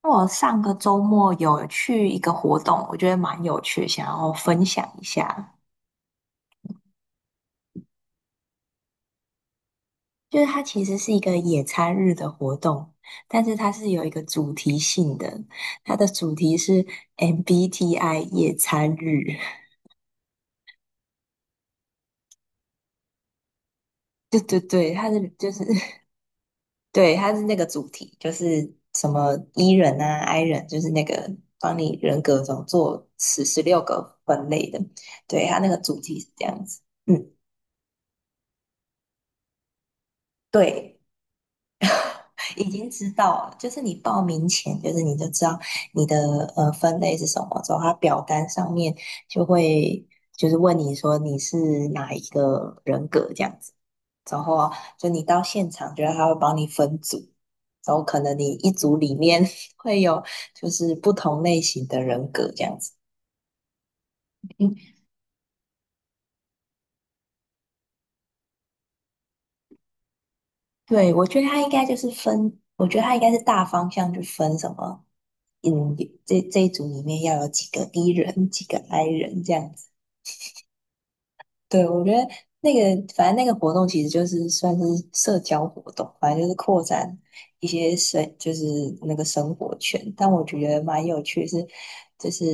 我上个周末有去一个活动，我觉得蛮有趣，想要分享一下。就是它其实是一个野餐日的活动，但是它是有一个主题性的，它的主题是 MBTI 野餐日。对对对，它是就是 对，它是那个主题，就是什么 E 人啊、I 人，就是那个帮你人格总做十六个分类的。对，它那个主题是这样子。嗯，对。已经知道了，就是你报名前，就是你就知道你的分类是什么之后，它表单上面就会就是问你说你是哪一个人格这样子，然后啊就你到现场，觉得他会帮你分组，然后可能你一组里面 会有就是不同类型的人格这样子。对，我觉得他应该就是分，我觉得他应该是大方向去分什么，嗯，这一组里面要有几个 E 人，几个 I 人这样子。对，我觉得那个反正那个活动其实就是算是社交活动，反正就是扩展一些就是那个生活圈。但我觉得蛮有趣的是，就是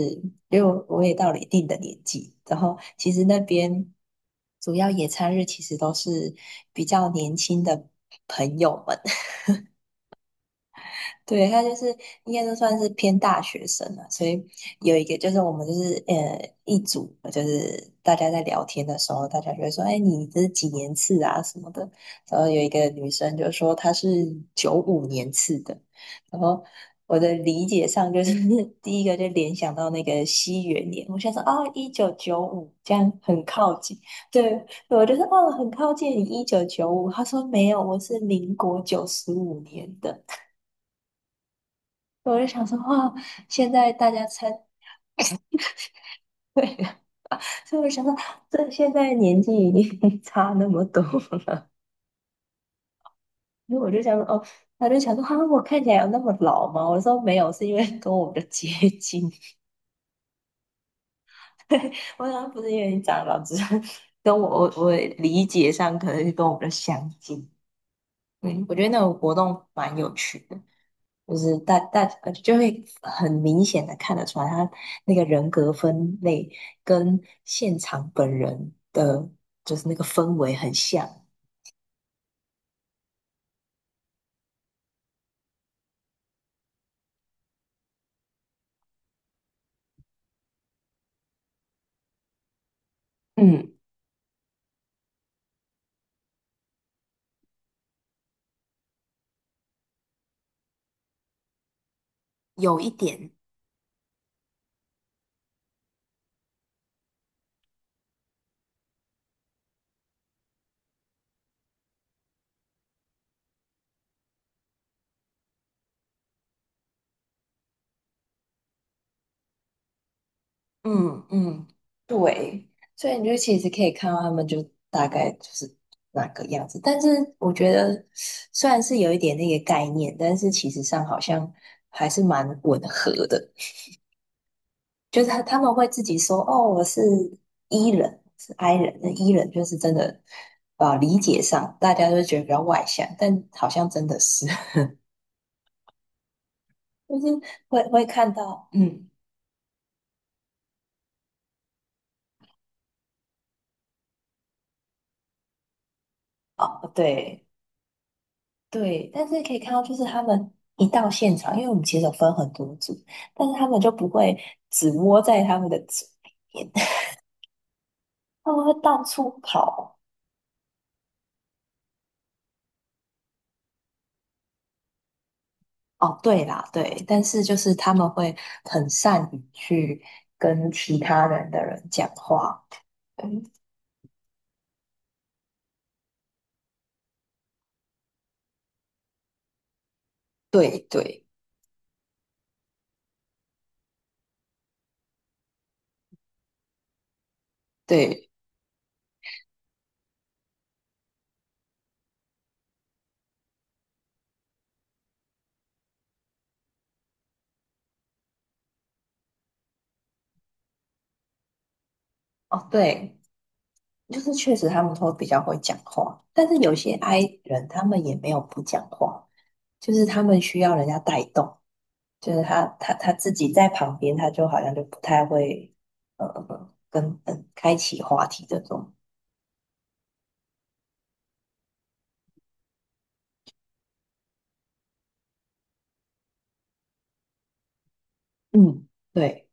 因为我也到了一定的年纪，然后其实那边主要野餐日其实都是比较年轻的朋友们。对，他就是应该都算是偏大学生了，所以有一个就是我们就是一组，就是大家在聊天的时候，大家就会说，哎，你这是几年次啊什么的。然后有一个女生就说她是95年次的，然后我的理解上就是 第一个就联想到那个西元年，我想说啊，一九九五这样很靠近，对，我就说哦很靠近你一九九五，她说没有，我是民国95年的。我就想说，哇，现在大家对，所以我想说，这现在年纪已经 差那么多，所以我就想说，哦，他就想说，哈、我看起来有那么老吗？我说没有，是因为 跟我们的接近，对，我想不是因为你长老，只是跟我理解上可能是跟我们的相近。嗯，我觉得那种活动蛮有趣的。就是大大呃就会很明显的看得出来，他那个人格分类跟现场本人的，就是那个氛围很像，嗯，有一点，嗯嗯，对，所以你就其实可以看到他们就大概就是那个样子，但是我觉得虽然是有一点那个概念，但是其实上好像还是蛮吻合的。就是他们会自己说，哦，我是 E 人，是 I 人。那 E 人就是真的，啊，理解上大家都觉得比较外向，但好像真的是，就是会看到，嗯，哦，对对，但是可以看到，就是他们一到现场，因为我们其实有分很多组，但是他们就不会只窝在他们的组里面，他们会到处跑。哦，对啦，对，但是就是他们会很善于去跟其他人的人讲话。嗯，对对对，哦，对，就是确实他们会比较会讲话，但是有些 I 人他们也没有不讲话，就是他们需要人家带动，就是他自己在旁边，他就好像就不太会呃呃跟嗯开启话题这种。嗯，对。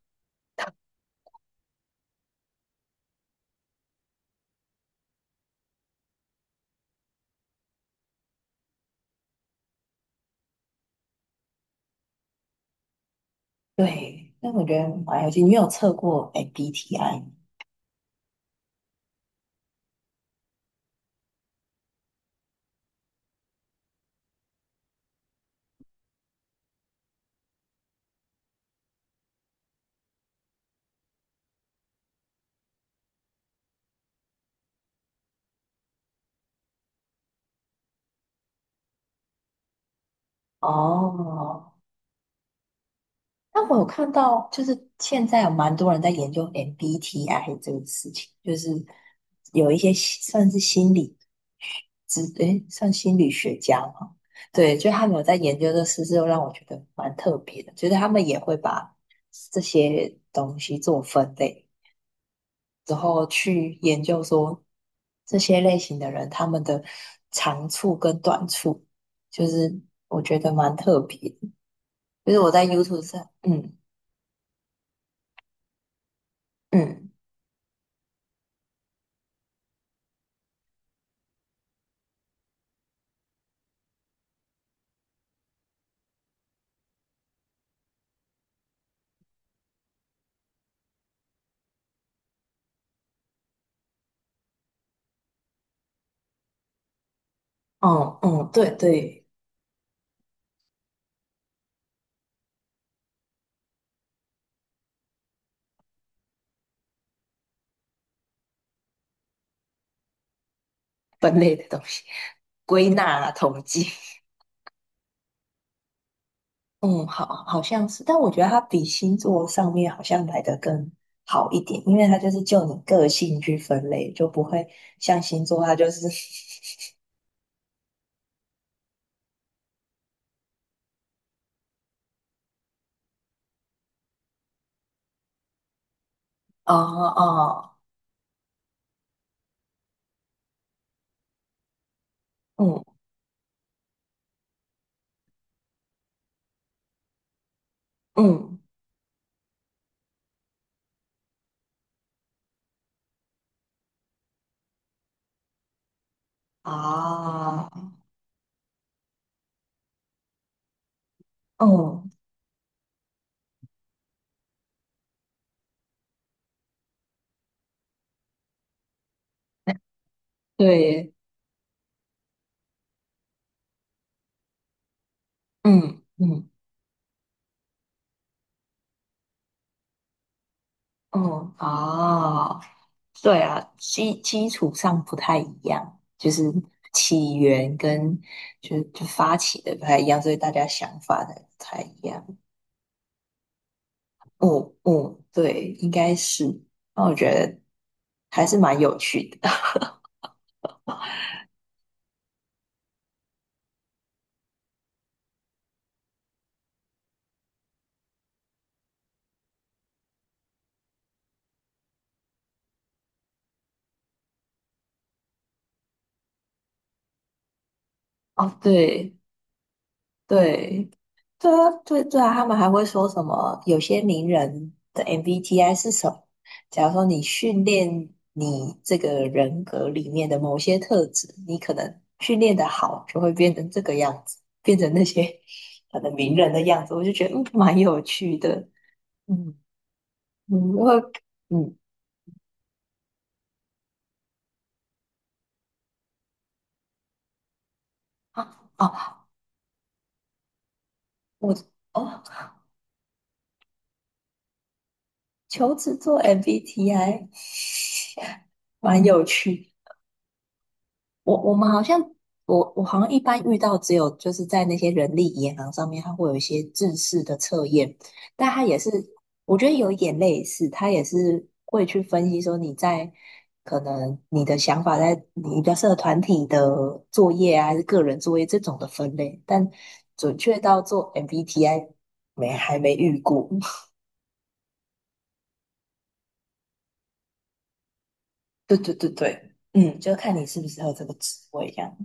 对，那我觉得玩有趣。你有测过 MBTI 哦，但我有看到，就是现在有蛮多人在研究 MBTI 这个事情，就是有一些心算是心理之，诶，算心理学家嘛，对，就他们有在研究这事，就让我觉得蛮特别的，觉得他们也会把这些东西做分类，然后去研究说这些类型的人他们的长处跟短处，就是我觉得蛮特别的，就是我在 YouTube 上，嗯嗯。嗯嗯，对对，分类的东西，归纳啊，统计，嗯，好，好像是，但我觉得它比星座上面好像来的更好一点，因为它就是就你个性去分类，就不会像星座它就是啊啊 嗯嗯啊，嗯，对，嗯嗯。哦，哦，对啊，基础上不太一样，就是起源跟就发起的不太一样，所以大家想法的不太一样。嗯嗯，对，应该是。那我觉得还是蛮有趣的。哦，对，对，对啊，对对啊，他们还会说什么？有些名人的 MBTI 是什么？假如说你训练你这个人格里面的某些特质，你可能训练的好，就会变成这个样子，变成那些可能名人的样子。我就觉得蛮有趣的。嗯嗯，我嗯啊啊，我哦，求职做 MBTI 蛮有趣的。我们好像，我好像一般遇到只有就是在那些人力银行上面，它会有一些制式的测验，但它也是我觉得有一点类似，它也是会去分析说你在可能你的想法在你比较适合团体的作业啊，还是个人作业这种的分类，但准确到做 MBTI 没还没遇过。对对对对，嗯，就看你适不适合这个职位，这样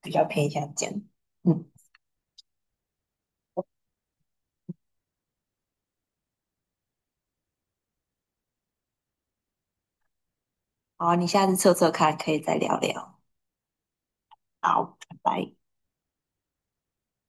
比较偏向这样。嗯好，你下次测测看，可以再聊聊。好，拜拜。